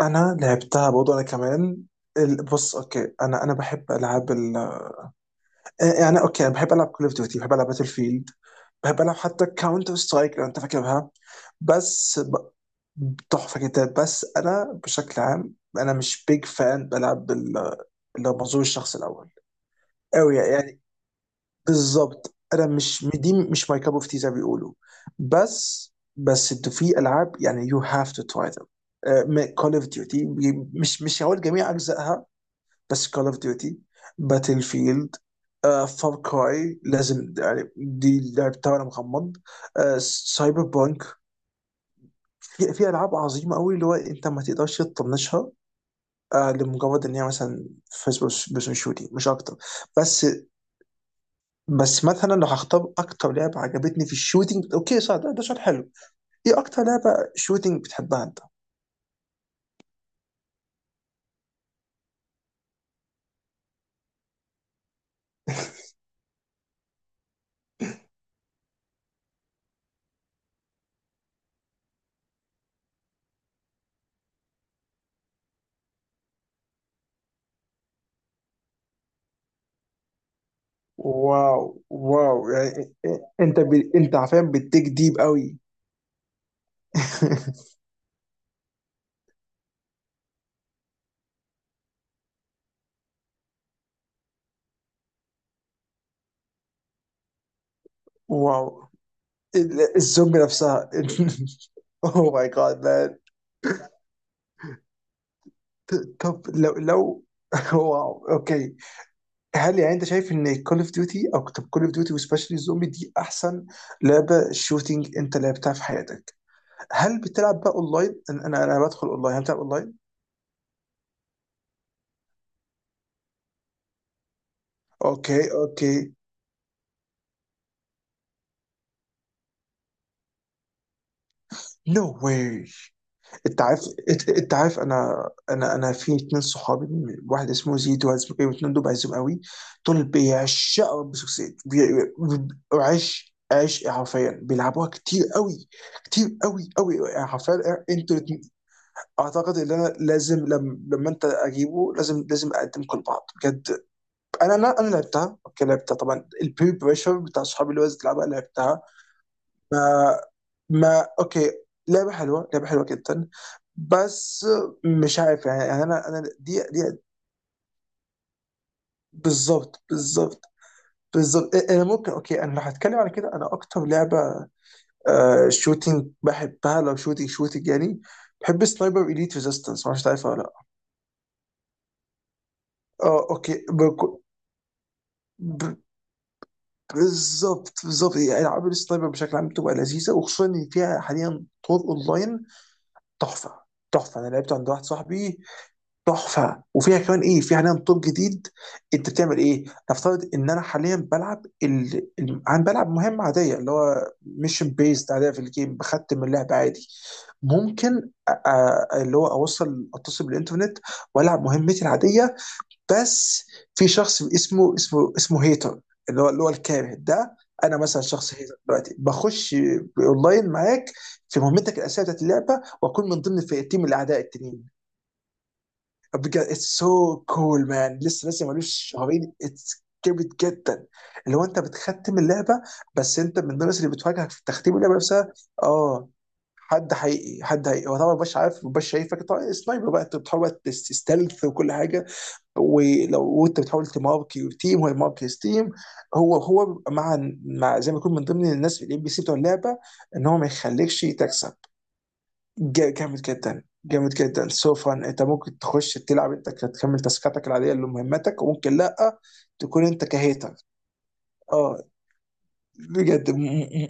انا لعبتها برضه انا كمان. بص، اوكي، انا بحب العاب ال آه، يعني اوكي، انا بحب العب كول اوف ديوتي، بحب العب باتل فيلد، بحب العب حتى كاونتر سترايك لو انت فاكرها. بس ب- تحفه جدا. بس انا بشكل عام انا مش بيج فان بلعب اللي هو منظور الشخص الاول قوي يعني. بالظبط انا مش، دي مش ماي كاب اوف تي زي ما بيقولوا. بس انتوا في العاب يعني يو هاف تو تراي ذم. كول اوف ديوتي، مش هقول جميع اجزائها، بس كول اوف ديوتي، باتل فيلد، فار كراي، لازم يعني دي اللعب بتاعنا مغمض. سايبر بانك. في العاب عظيمه قوي اللي هو انت ما تقدرش تطنشها. لمجرد ان هي مثلا فيرست بيرسون شوتنج مش اكتر. بس بس مثلا لو هختار اكتر لعبه عجبتني في الشوتنج، اوكي صح، ده سؤال حلو. ايه اكتر لعبه شوتنج بتحبها انت؟ واو، واو، يعني انت انت عارفين بتديك ديب قوي. واو. الزومبي نفسها. اوه ماي جاد مان. طب لو. واو، اوكي. هل يعني انت شايف ان كول اوف ديوتي، او طب كول اوف ديوتي وسبيشلي الزومبي، دي احسن لعبه شوتينج انت لعبتها في حياتك؟ هل بتلعب بقى اونلاين؟ انا انا أنا بدخل اونلاين، هل بتلعب اونلاين؟ اوكي، اوكي. نو واي. انت عارف، انت عارف، انا في اتنين صحابي، واحد اسمه زيد وواحد اسمه ايه، واتنين دول بعزهم قوي. دول بيعشقوا بيسك سيد. عش عش حرفيا بيلعبوها كتير قوي، كتير قوي قوي يعني حرفيا. انتوا الاتنين- اعتقد ان انا لازم، لما انت اجيبه، لازم اقدمكم لبعض بجد. انا لعبتها، اوكي لعبتها طبعا، البري بريشر بتاع صحابي اللي هو لعبها لعبتها. ما اوكي، لعبه حلوه، لعبه حلوه جدا. بس مش عارف يعني، يعني انا دي بالظبط، بالظبط، بالظبط. انا ممكن، اوكي انا لو هتكلم على كده، انا اكتر لعبه شوتينج بحبها، لو شوتينج شوتينج يعني، بحب سنايبر اليت ريزيستنس، ما اعرفش تعرفها ولا لا. اه اوكي، ب- بالظبط، بالظبط. يعني العاب السنايبر بشكل عام بتبقى لذيذه، وخصوصا ان فيها حاليا طور اونلاين، تحفه. تحفه، انا لعبت عند واحد صاحبي، تحفه. وفيها كمان ايه، فيها حاليا طور جديد. انت بتعمل ايه؟ نفترض ان انا حاليا بلعب انا بلعب مهمه عاديه اللي هو ميشن بيست عاديه في الجيم، بختم اللعبه عادي. ممكن اللي هو اتصل بالانترنت والعب مهمتي العاديه، بس في شخص اسمه هيتر، اللي هو الكاره ده. انا مثلا شخص هيتر دلوقتي بخش اونلاين معاك في مهمتك الاساسيه بتاعت اللعبه، واكون من ضمن الفئتين من الاعداء التانيين. بجد، اتس سو كول مان. لسه مالوش شهرين، اتس جامد جدا. اللي هو انت بتختم اللعبه، بس انت من الناس اللي بتواجهك في تختيم اللعبه نفسها. اه، حد حقيقي، حد حقيقي. هو طبعا مبقاش عارف، مبقاش شايفك طبعا، سنايبر بقى انت بتحاول بقى تستلث وكل حاجه. وانت بتحاول تماركي تيم، هو يماركي تيم. هو مع زي ما يكون من ضمن الناس الام بي سي بتوع اللعبه، ان هو ما يخليكش تكسب. جامد جدا، جامد جدا، سو فان. انت ممكن تخش تلعب انت، تكمل تاسكاتك العاديه اللي مهمتك، وممكن لا تكون انت كهيتر. اه بجد، م- م-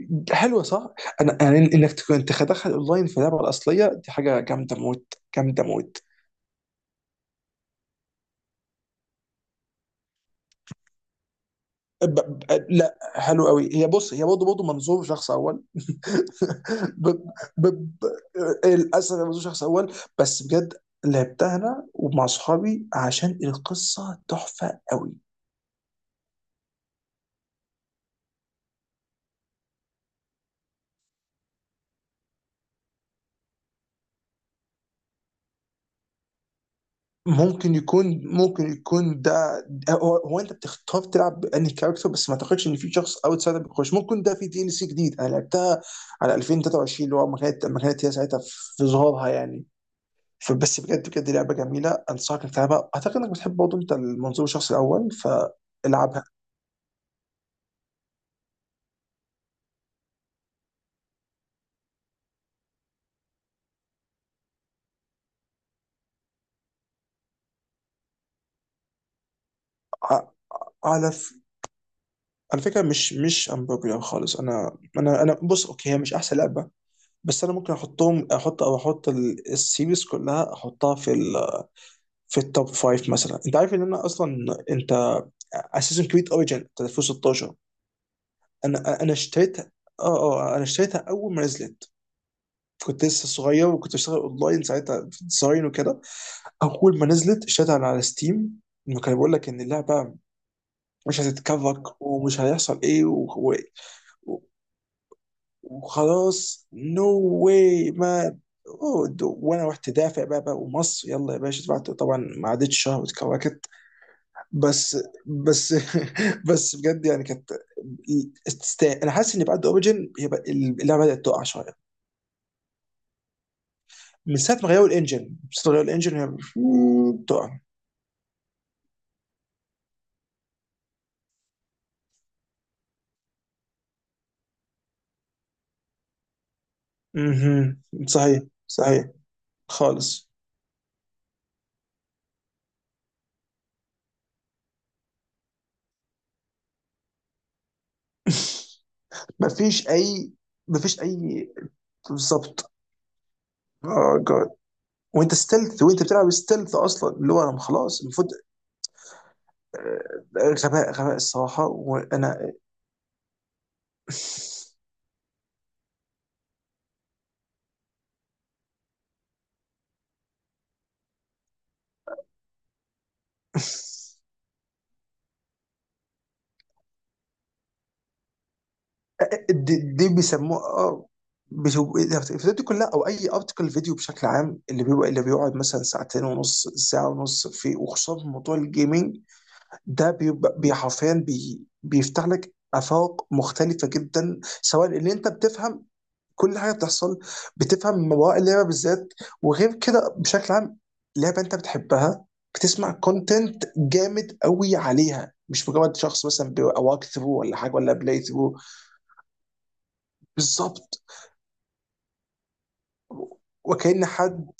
م- حلوه صح؟ انا انك تكون انت تدخل اونلاين في اللعبه الاصليه، دي حاجه جامده موت، جامده موت. ب... ب... لا، حلو قوي. هي بص، هي برضه منظور شخص اول. ب... ب... ب... للاسف هي منظور شخص اول بس، بجد لعبتها انا ومع اصحابي عشان القصه تحفه قوي. ممكن يكون ده. هو انت بتختار تلعب انهي كاركتر، بس ما اعتقدش ان في شخص اوتسايدر بيخش. ممكن ده في دي ال سي جديد، انا لعبتها على 2023 اللي هو ما كانت هي ساعتها في ظهورها يعني. فبس بجد، بجد لعبه جميله، انصحك انك تلعبها، اعتقد انك بتحب برضه انت المنظور الشخص الاول، فالعبها. ع- على ف... على فكره مش امبروبيا خالص. انا بص، اوكي، هي مش احسن لعبه، بس انا ممكن احطهم، احط او احط السيريز كلها، احطها في في التوب فايف مثلا. انت عارف ان انا اصلا انت اساسن كريد اوريجن 2016 انا اشتريتها. اه انا اشتريتها اول ما نزلت. كنت لسه صغير، وكنت بشتغل اونلاين ساعتها في ديزاين وكده. اول ما نزلت اشتريتها على ستيم. كان بيقول لك ان اللعبه مش هتتكفك، ومش هيحصل ايه و... وخلاص، نو واي ما. أوه، وانا رحت دافع بقى، ومصر يلا يا باشا، دفعت طبعا. ما عدتش شهر واتكوكت. بس بس بس بجد، يعني كانت تستاهل. انا حاسس ان بعد اوريجن هي اللعبه بدات تقع شويه. من ساعه ما غيروا الانجن هي تقع. مهم. صحيح، صحيح. خالص. مفيش اي مفيش اي بالظبط. اه جاد، وانت ستيلث، وانت بتلعب ستيلث اصلا اللي هو انا خلاص المفروض. غباء، غباء الصراحه، وانا دي بيسموها الفيديوهات دي كلها، او اي ارتكل فيديو بشكل عام اللي بيبقى، اللي بيقعد مثلا ساعتين ونص، ساعه ونص، في وخصوصا في موضوع الجيمنج، ده بيبقى حرفيا بيفتح لك افاق مختلفه جدا، سواء ان انت بتفهم كل حاجه بتحصل، بتفهم مواقع اللعبه بالذات، وغير كده بشكل عام لعبه انت بتحبها بتسمع كونتنت جامد قوي عليها، مش مجرد شخص مثلا او ثرو ولا حاجه ولا بلاي ثرو. بالظبط، وكأن حد،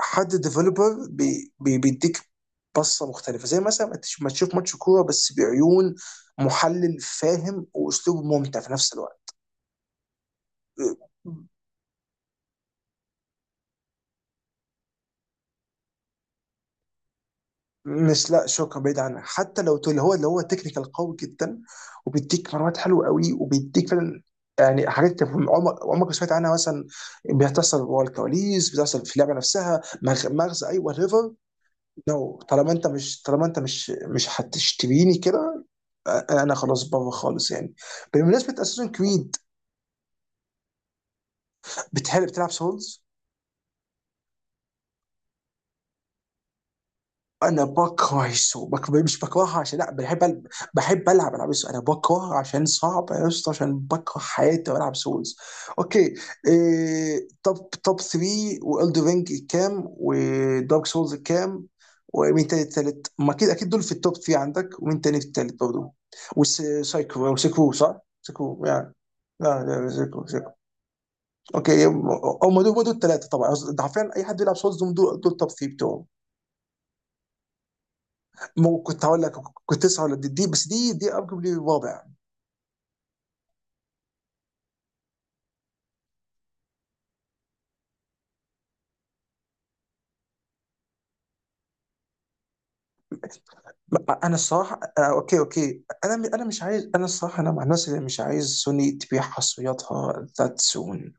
حد ديفلوبر بي بي بيديك بصه مختلفه، زي مثلا ما ما تشوف ماتش كوره بس بعيون محلل فاهم، واسلوبه ممتع في نفس الوقت. مش لا شكرا، بعيد عنها. حتى لو تقول هو اللي هو تكنيكال قوي جدا، وبيديك معلومات حلوه قوي، وبيديك فعلا يعني حاجات انت عمرك ما سمعت عنها مثلا، بتحصل ورا الكواليس، بتحصل في اللعبه نفسها. مغزى، ايوه ريفر. نو، no. طالما انت مش هتشتريني كده، انا خلاص بره خالص يعني. بمناسبه اساسن كريد، بتحب بتلعب سولز؟ انا بكره السوق مش بكرهها، عشان لا بحب بحب العب العاب السوق. انا بكره عشان صعب يا اسطى، عشان بكره حياتي والعب سولز. اوكي، توب، توب 3. والدر رينج كام؟ ودارك سولز كام؟ ومين تاني التالت؟ ما اكيد، اكيد دول في التوب 3 عندك. ومين تاني في التالت برضه؟ وسيكو صح؟ سيكو يعني. لا لا، سيكو، سيكو. اوكي، هم. دول هم دول الثلاثه طبعا. ده حرفيا اي حد بيلعب سولز دول، دول توب 3 بتوعه. مو، كنت هقول لك، كنت لسه هقول لك دي. بس دي ارجوبلي رابع. انا الصراحه، أنا اوكي انا مش عايز، انا الصراحه انا مع الناس اللي مش عايز سوني تبيع حصرياتها ذات سون.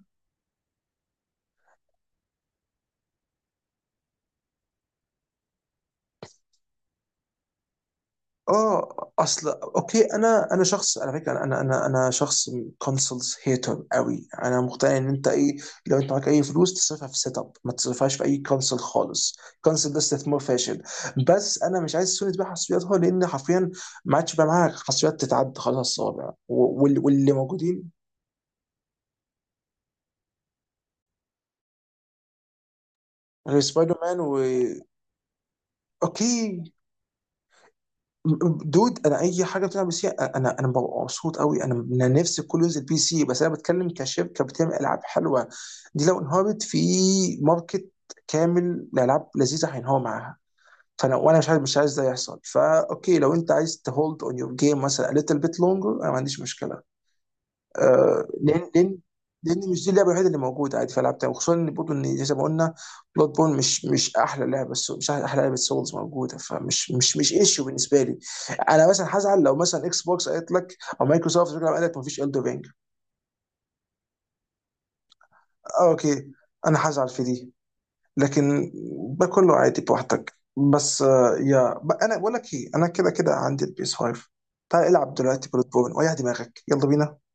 اه اصل، اوكي، انا شخص، على فكره، انا شخص كونسولز هيتر قوي. انا مقتنع ان انت ايه، لو انت معاك اي فلوس تصرفها في سيت اب، ما تصرفهاش في اي كونسول خالص. كونسول ده استثمار فاشل. بس انا مش عايز سوني تبيع حصرياتها، لان حرفيا ما عادش بقى معاها حصريات تتعد، خلاص الصوابع واللي موجودين غير سبايدر مان و اوكي. دود، انا اي حاجه بتلعب بي سي انا انا ببقى مبسوط قوي، انا نفسي كله ينزل بي سي، بس انا بتكلم كشركه بتعمل العاب حلوه. دي لو انهارت، في ماركت كامل لالعاب لذيذه هينهار معاها. فانا، مش عايز، ده يحصل. فا اوكي، لو انت عايز تهولد اون يور جيم مثلا a little bit longer، انا ما عنديش مشكله. آه، لان لان لان مش دي اللعبه الوحيده اللي موجوده، عادي في العاب تانية، وخصوصا ان برضه ان زي ما قلنا بلاد بون مش، مش احلى لعبه سولز موجوده، فمش، مش ايشو بالنسبه لي. انا مثلا هزعل لو مثلا اكس بوكس قالت لك او مايكروسوفت قالت لك مفيش الدو رينج. آه اوكي، انا هزعل في دي. لكن ده كله عادي، براحتك. بس انا بقول لك ايه، انا كده كده عندي البيس 5، تعال العب دلوقتي بلاد بون ويا دماغك، يلا بينا.